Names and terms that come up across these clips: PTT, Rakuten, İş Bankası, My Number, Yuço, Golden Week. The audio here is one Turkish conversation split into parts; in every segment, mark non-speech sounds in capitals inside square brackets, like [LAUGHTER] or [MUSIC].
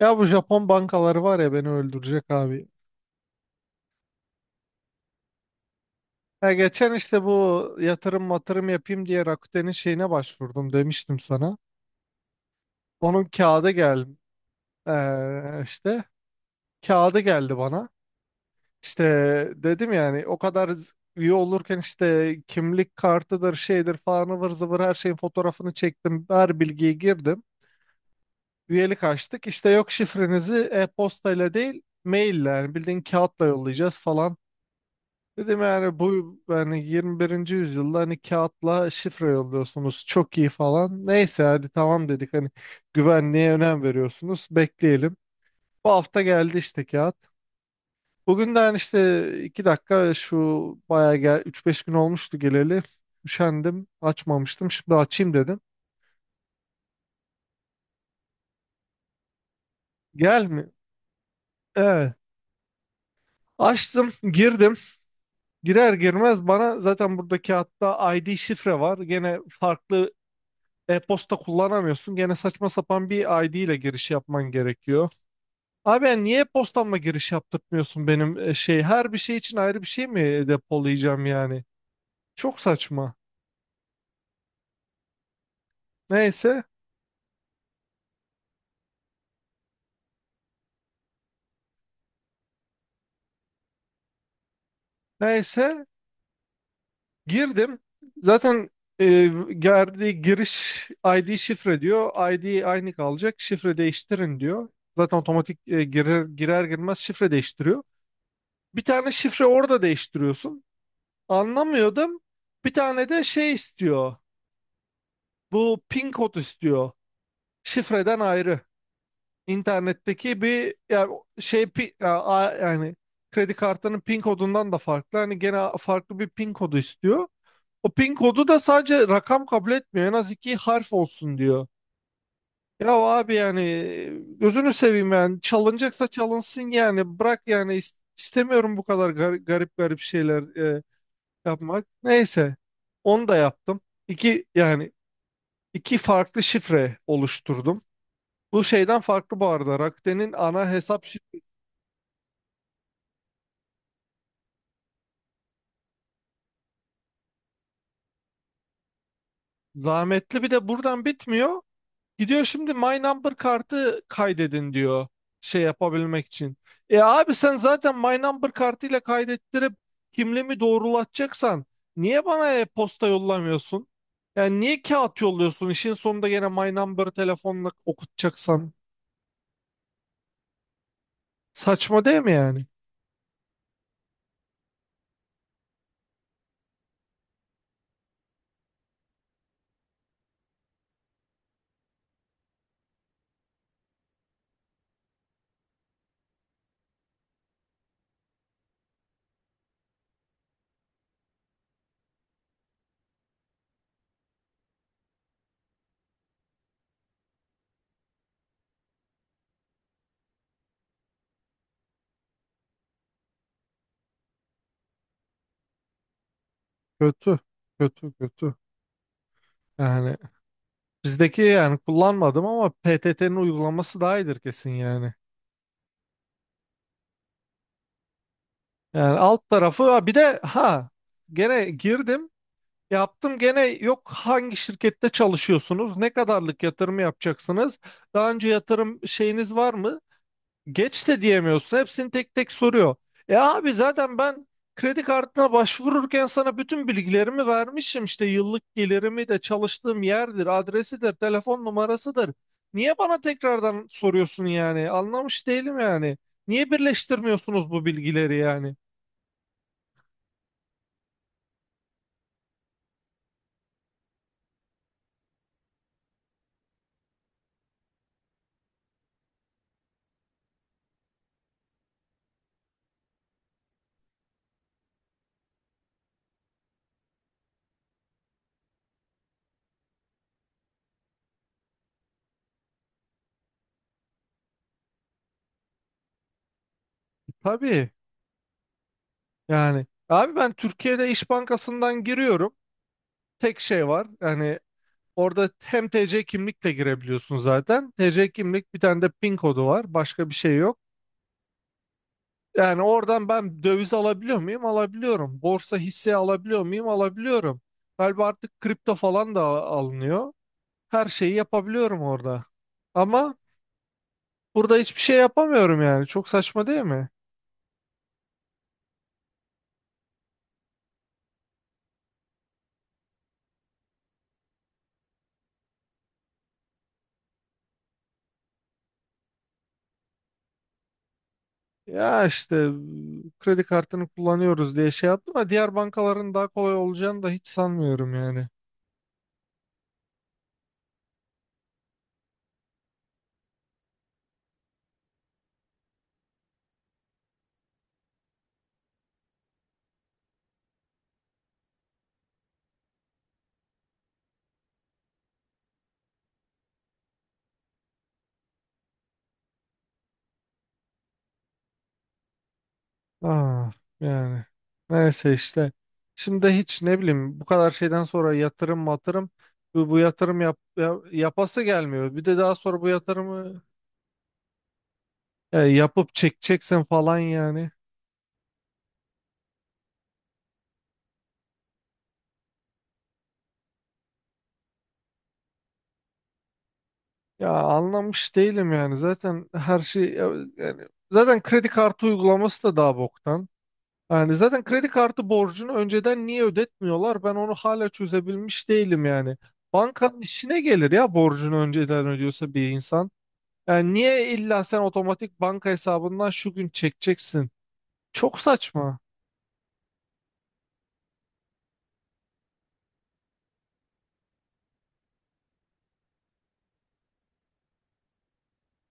Ya bu Japon bankaları var ya beni öldürecek abi. Ya geçen işte bu yatırım matırım yapayım diye Rakuten'in şeyine başvurdum demiştim sana. Onun kağıdı gel işte kağıdı geldi bana. İşte dedim yani o kadar üye olurken işte kimlik kartıdır şeydir falan ıvır zıvır her şeyin fotoğrafını çektim. Her bilgiyi girdim. Üyelik açtık. İşte yok şifrenizi e-postayla değil maille yani bildiğin kağıtla yollayacağız falan. Dedim yani bu yani 21. yüzyılda hani kağıtla şifre yolluyorsunuz çok iyi falan. Neyse hadi tamam dedik hani güvenliğe önem veriyorsunuz bekleyelim. Bu hafta geldi işte kağıt. Bugün de hani işte 2 dakika şu bayağı gel üç beş gün olmuştu geleli. Üşendim açmamıştım şimdi açayım dedim. Gel mi? Evet. Açtım girdim. Girer girmez bana zaten burada kağıtta ID şifre var. Gene farklı e-posta kullanamıyorsun. Gene saçma sapan bir ID ile giriş yapman gerekiyor. Abi ben niye e-postamla giriş yaptırtmıyorsun benim şey? Her bir şey için ayrı bir şey mi depolayacağım yani? Çok saçma. Neyse. Neyse. Girdim. Zaten e, geldi giriş ID şifre diyor. ID aynı kalacak. Şifre değiştirin diyor. Zaten otomatik girer girmez şifre değiştiriyor. Bir tane şifre orada değiştiriyorsun. Anlamıyordum. Bir tane de şey istiyor. Bu pin kod istiyor. Şifreden ayrı. İnternetteki bir yani şey ya, yani kredi kartının pin kodundan da farklı. Hani gene farklı bir pin kodu istiyor. O pin kodu da sadece rakam kabul etmiyor. En az 2 harf olsun diyor. Ya abi yani gözünü seveyim yani çalınacaksa çalınsın yani bırak yani istemiyorum bu kadar garip garip şeyler yapmak. Neyse onu da yaptım. İki yani iki farklı şifre oluşturdum. Bu şeyden farklı bu arada. Rakuten'in ana hesap zahmetli bir de buradan bitmiyor. Gidiyor şimdi My Number kartı kaydedin diyor şey yapabilmek için. E abi sen zaten My Number kartıyla kaydettirip kimliğimi doğrulatacaksan niye bana e-posta yollamıyorsun? Yani niye kağıt yolluyorsun? İşin sonunda gene My Number telefonla okutacaksan. Saçma değil mi yani? Kötü. Kötü kötü. Yani bizdeki yani kullanmadım ama PTT'nin uygulaması daha iyidir kesin yani. Yani alt tarafı ha bir de ha gene girdim yaptım gene yok hangi şirkette çalışıyorsunuz ne kadarlık yatırım yapacaksınız daha önce yatırım şeyiniz var mı geç de diyemiyorsun hepsini tek tek soruyor. E abi zaten ben kredi kartına başvururken sana bütün bilgilerimi vermişim işte yıllık gelirimi de çalıştığım yerdir adresidir telefon numarasıdır. Niye bana tekrardan soruyorsun yani anlamış değilim yani niye birleştirmiyorsunuz bu bilgileri yani? Tabii. Yani abi ben Türkiye'de İş Bankası'ndan giriyorum. Tek şey var. Yani orada hem TC kimlikle girebiliyorsun zaten. TC kimlik bir tane de PIN kodu var. Başka bir şey yok. Yani oradan ben döviz alabiliyor muyum? Alabiliyorum. Borsa hisse alabiliyor muyum? Alabiliyorum. Galiba artık kripto falan da alınıyor. Her şeyi yapabiliyorum orada. Ama burada hiçbir şey yapamıyorum yani. Çok saçma değil mi? Ya işte kredi kartını kullanıyoruz diye şey yaptım ama diğer bankaların daha kolay olacağını da hiç sanmıyorum yani. Ah yani neyse işte. Şimdi de hiç ne bileyim bu kadar şeyden sonra yatırım matırım bu yatırım yapası gelmiyor. Bir de daha sonra bu yatırımı yapıp çekeceksin falan yani. Ya anlamış değilim yani zaten her şey yani zaten kredi kartı uygulaması da daha boktan. Yani zaten kredi kartı borcunu önceden niye ödetmiyorlar? Ben onu hala çözebilmiş değilim yani. Bankanın işine gelir ya borcunu önceden ödüyorsa bir insan. Yani niye illa sen otomatik banka hesabından şu gün çekeceksin? Çok saçma.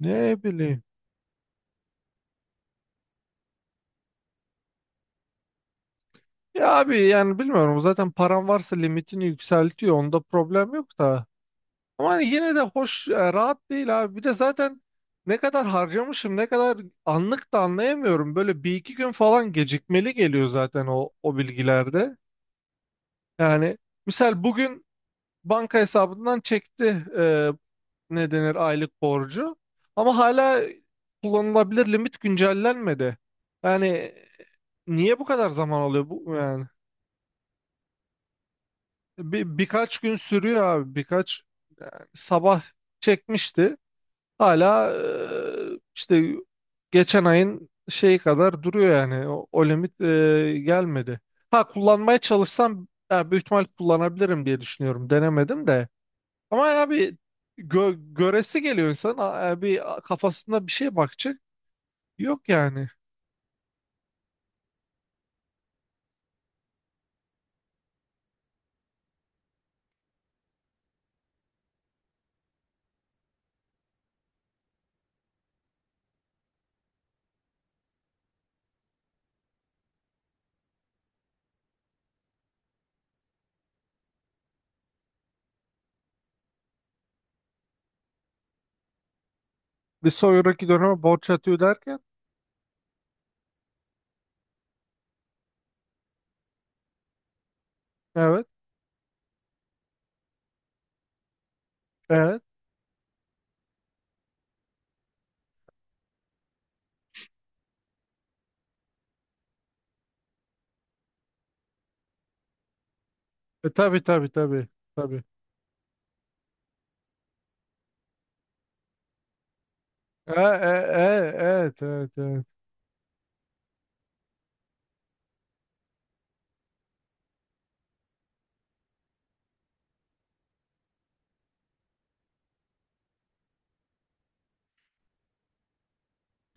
Ne bileyim. Ya abi yani bilmiyorum zaten paran varsa limitini yükseltiyor onda problem yok da. Ama hani yine de hoş, rahat değil abi. Bir de zaten ne kadar harcamışım, ne kadar anlık da anlayamıyorum. Böyle bir iki gün falan gecikmeli geliyor zaten o bilgilerde. Yani misal bugün banka hesabından çekti e, ne denir aylık borcu. Ama hala kullanılabilir limit güncellenmedi. Yani niye bu kadar zaman alıyor bu yani? Birkaç gün sürüyor abi. Birkaç yani sabah çekmişti. Hala işte geçen ayın şeyi kadar duruyor yani. O limit gelmedi. Ha kullanmaya çalışsam ya, büyük ihtimal kullanabilirim diye düşünüyorum. Denemedim de. Ama ya bir göresi geliyor insan. Bir kafasında bir şey bakacak. Yok yani. Bir sonraki döneme borç atıyor derken. Evet. Evet. Tabii tabii tabii. Tabii. Evet evet evet.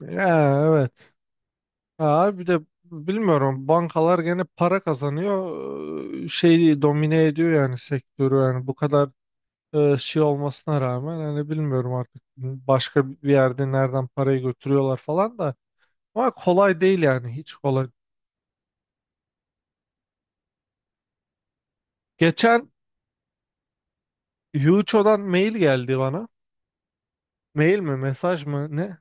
Ya, evet. Ha, bir de bilmiyorum bankalar gene para kazanıyor şeyi domine ediyor yani sektörü yani bu kadar şey olmasına rağmen hani bilmiyorum artık başka bir yerde nereden parayı götürüyorlar falan da ama kolay değil yani hiç kolay. Geçen Yuço'dan mail geldi bana mail mi mesaj mı ne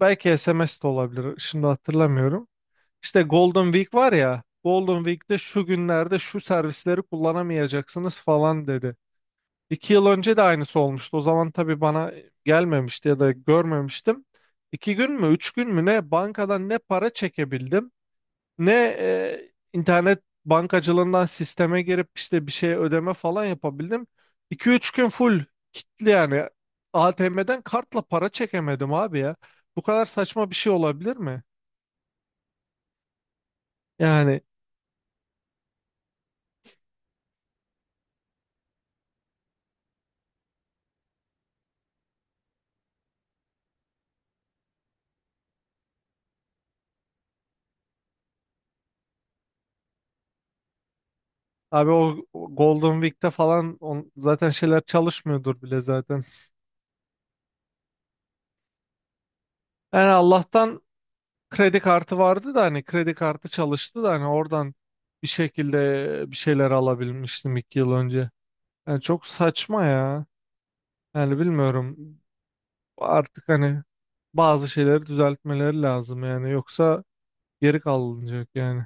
belki SMS de olabilir şimdi hatırlamıyorum. İşte Golden Week var ya Golden Week'te şu günlerde şu servisleri kullanamayacaksınız falan dedi. 2 yıl önce de aynısı olmuştu. O zaman tabii bana gelmemişti ya da görmemiştim. 2 gün mü, 3 gün mü ne bankadan ne para çekebildim, ne internet bankacılığından sisteme girip işte bir şey ödeme falan yapabildim. 2-3 gün full kilitli yani. ATM'den kartla para çekemedim abi ya. Bu kadar saçma bir şey olabilir mi? Yani abi o Golden Week'te falan zaten şeyler çalışmıyordur bile zaten. Yani Allah'tan kredi kartı vardı da hani kredi kartı çalıştı da hani oradan bir şekilde bir şeyler alabilmiştim 2 yıl önce. Yani çok saçma ya. Yani bilmiyorum artık hani bazı şeyleri düzeltmeleri lazım yani yoksa geri kalınacak yani.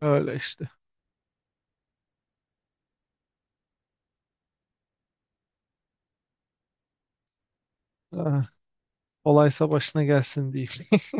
Öyle işte. Ah, olaysa başına gelsin diyeyim. [LAUGHS]